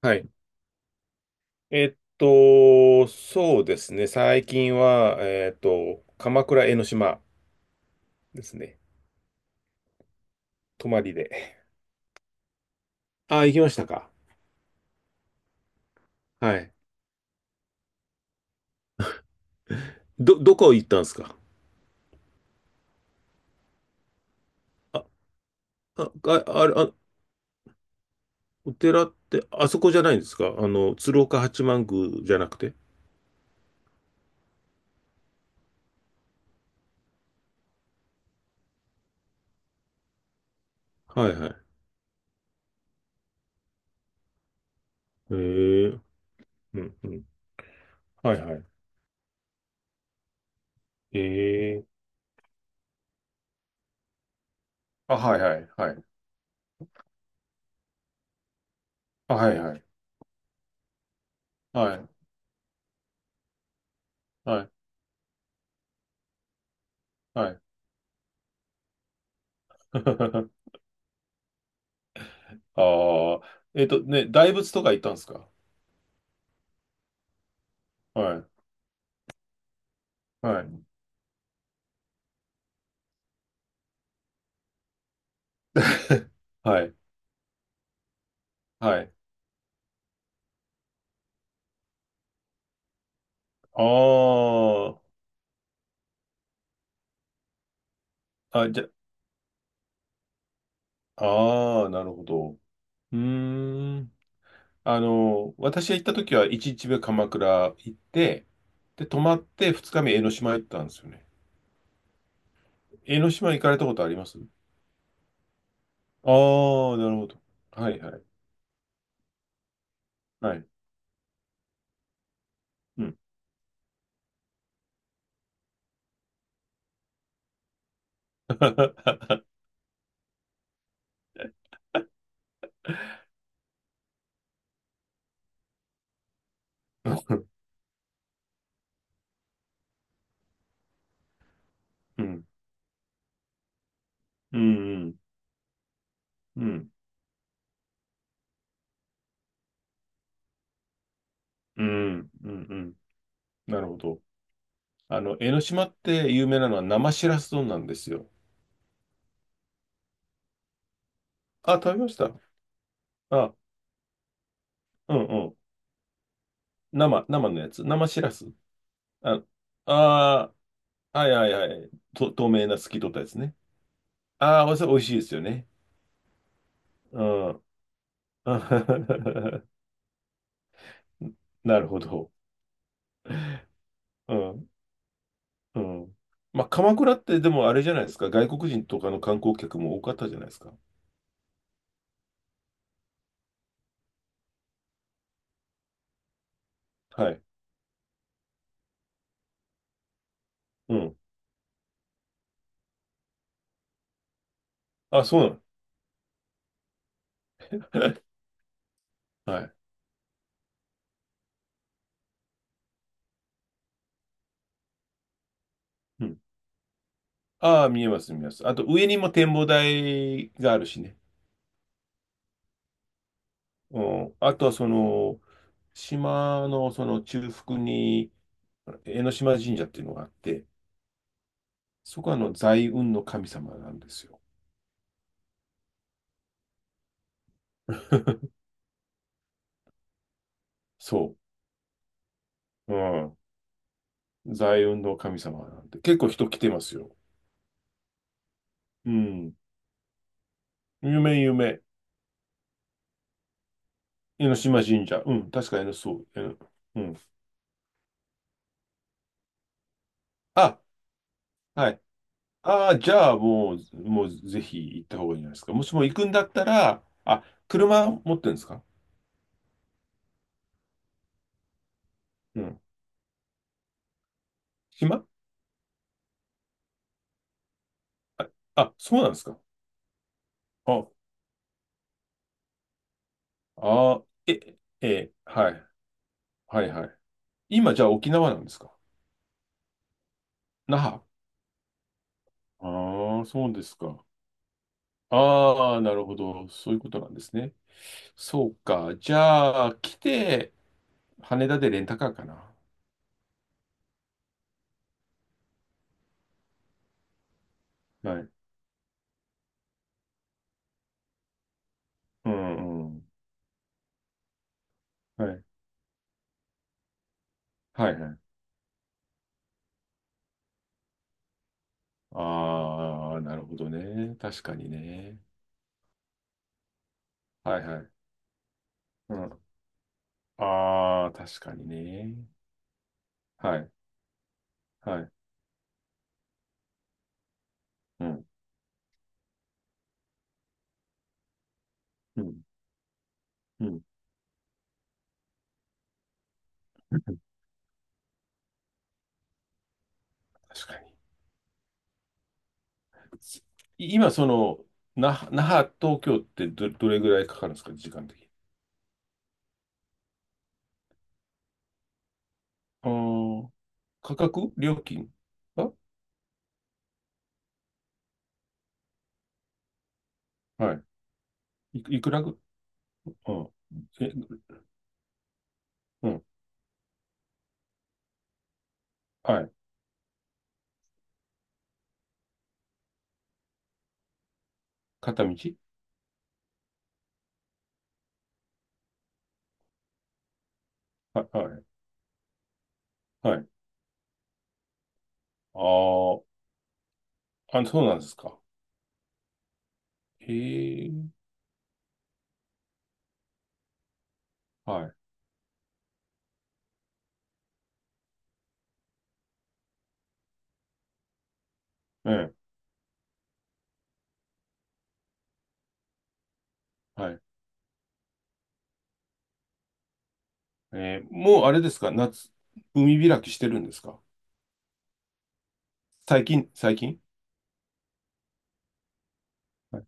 はい。そうですね。最近は、鎌倉江ノ島ですね。泊まりで。あ、行きましたか。はい。どこ行ったんですか？あ、あ、あ、あれ、あ、お寺って、あそこじゃないんですか？あの、鶴岡八幡宮じゃなくて。はいはい。へえ。うん、うん。はいはい。へえ。あ、はいはいはい。あ、はいはい。はい、はい、はい。ああ。大仏とか行ったんですか？はい、はい。はい。はい。ああ。あ、じゃ、ああ、なるほど。うーん。私が行った時は1日目鎌倉行って、で、泊まって2日目江ノ島行ったんですよね。江ノ島行かれたことあります？ああー、なるほど。はい、はい。はい。うん。うん。うん。うん。うん。うん。うんうん、なるほど。江ノ島って有名なのは生しらす丼なんですよ。あ、食べました。あ、うん、生のやつ。生しらす。あ、あー、はいはいはい。透明な透き通ったやつね。ああ、それ美味しいですよね。うん。なるほど。うん。うん。まあ、鎌倉ってでもあれじゃないですか。外国人とかの観光客も多かったじゃないですか。はい。うん。あ、そうなの。はい。うん。ああ、見えます、見えます。あと、上にも展望台があるしね。うん。あとは、その、島のその中腹に、江ノ島神社っていうのがあって、そこはあの財運の神様なんですよ。そう。うん。財運の神様なんで。結構人来てますよ。うん。夢夢。江ノ島神社。うん。確かにそう。うん。あ、はい。ああ、じゃあもうぜひ行った方がいいんじゃないですか？もしも行くんだったら、あ、車持ってるんですか？うん。暇あ、あ、そうなんですか。あ、あー、え、え、はい。はいはい。今じゃあ沖縄なんですか？那覇？ああ、そうですか。ああ、なるほど。そういうことなんですね。そうか。じゃあ、来て、羽田でレンタカーかな。はい。うんうん。はい。はいはい。ああ、なるほどね。確かにね。はいはい。うん。ああ、確かにね。はい。はい。うん。うん。うん。確かに。今、那覇、東京ってどれぐらいかかるんですか、時間的に。ああ。価格料金は？はい。いくらぐ、うん。え、うん。はい。片道？はい、はい、はい。ああ、あ、そうなんですか。へえ、はい。ええ、はい。もうあれですか、夏、海開きしてるんですか？最近。はい、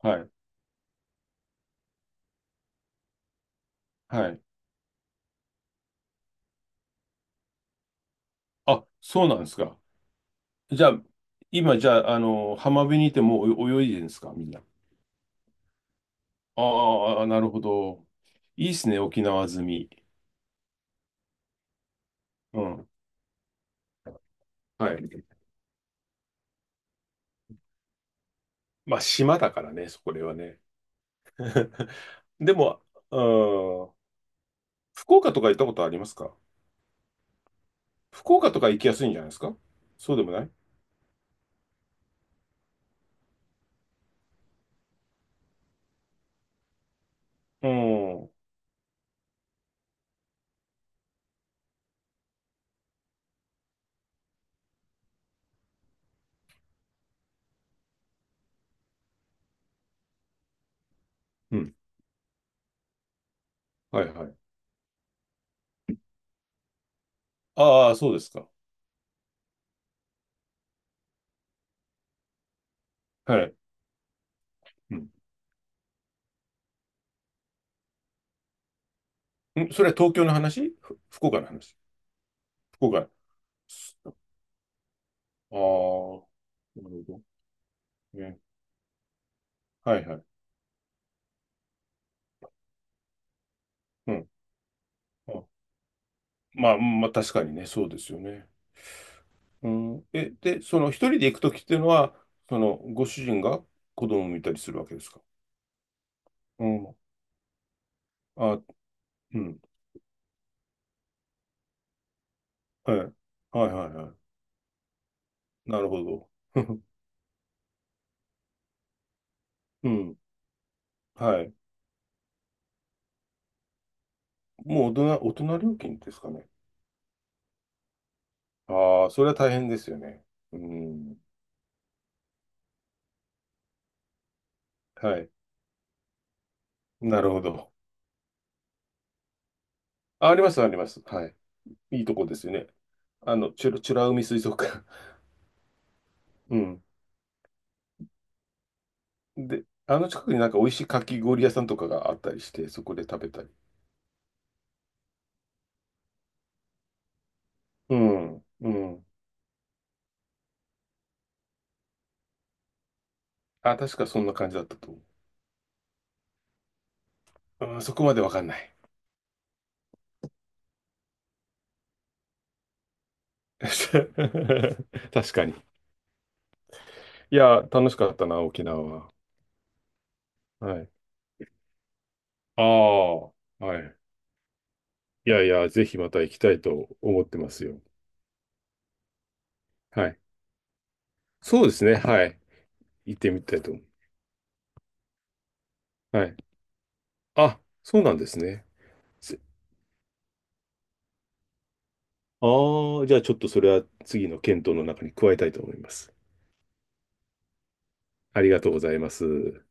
はい。はい。あ、そうなんですか。じゃあ、今、じゃあ、浜辺にいてもう泳いでるんですか、みんな。あーあー、なるほど。いいっすね、沖縄済み。うん。はい。まあ、島だからね、そこではね。でも、うん、福岡とか行ったことありますか？福岡とか行きやすいんじゃないですか？そうでもない？うん。うん。はいはい。ああ、そうですか。はい。うん。ん、それは東京の話、福岡の話？福岡。すああ、なるほど。ね。はいはい。うん。あ、まあ、まあ、確かにね、そうですよね。うん。え、で、その一人で行くときっていうのは、ご主人が子供を見たりするわけですか？うん。あ、うん。はい。はいはいはい。なるほど。うん。はい。もう大人料金ですかね。ああ、それは大変ですよね。うん。はい。なるほど。あ、あります、あります。はい。いいとこですよね。あの、チュラ美ら海水族館。うん。で、あの近くになんか美味しいかき氷屋さんとかがあったりして、そこで食べたり。うん。うん。あ、確かそんな感じだったと思う。うん、そこまでわかんない。確かに。いや、楽しかったな、沖縄は。はい。ああ、はい。いやいや、ぜひまた行きたいと思ってますよ。はい。そうですね。はい。行ってみたいと思う。はい。あ、そうなんですね。せああ、じゃあちょっとそれは次の検討の中に加えたいと思います。ありがとうございます。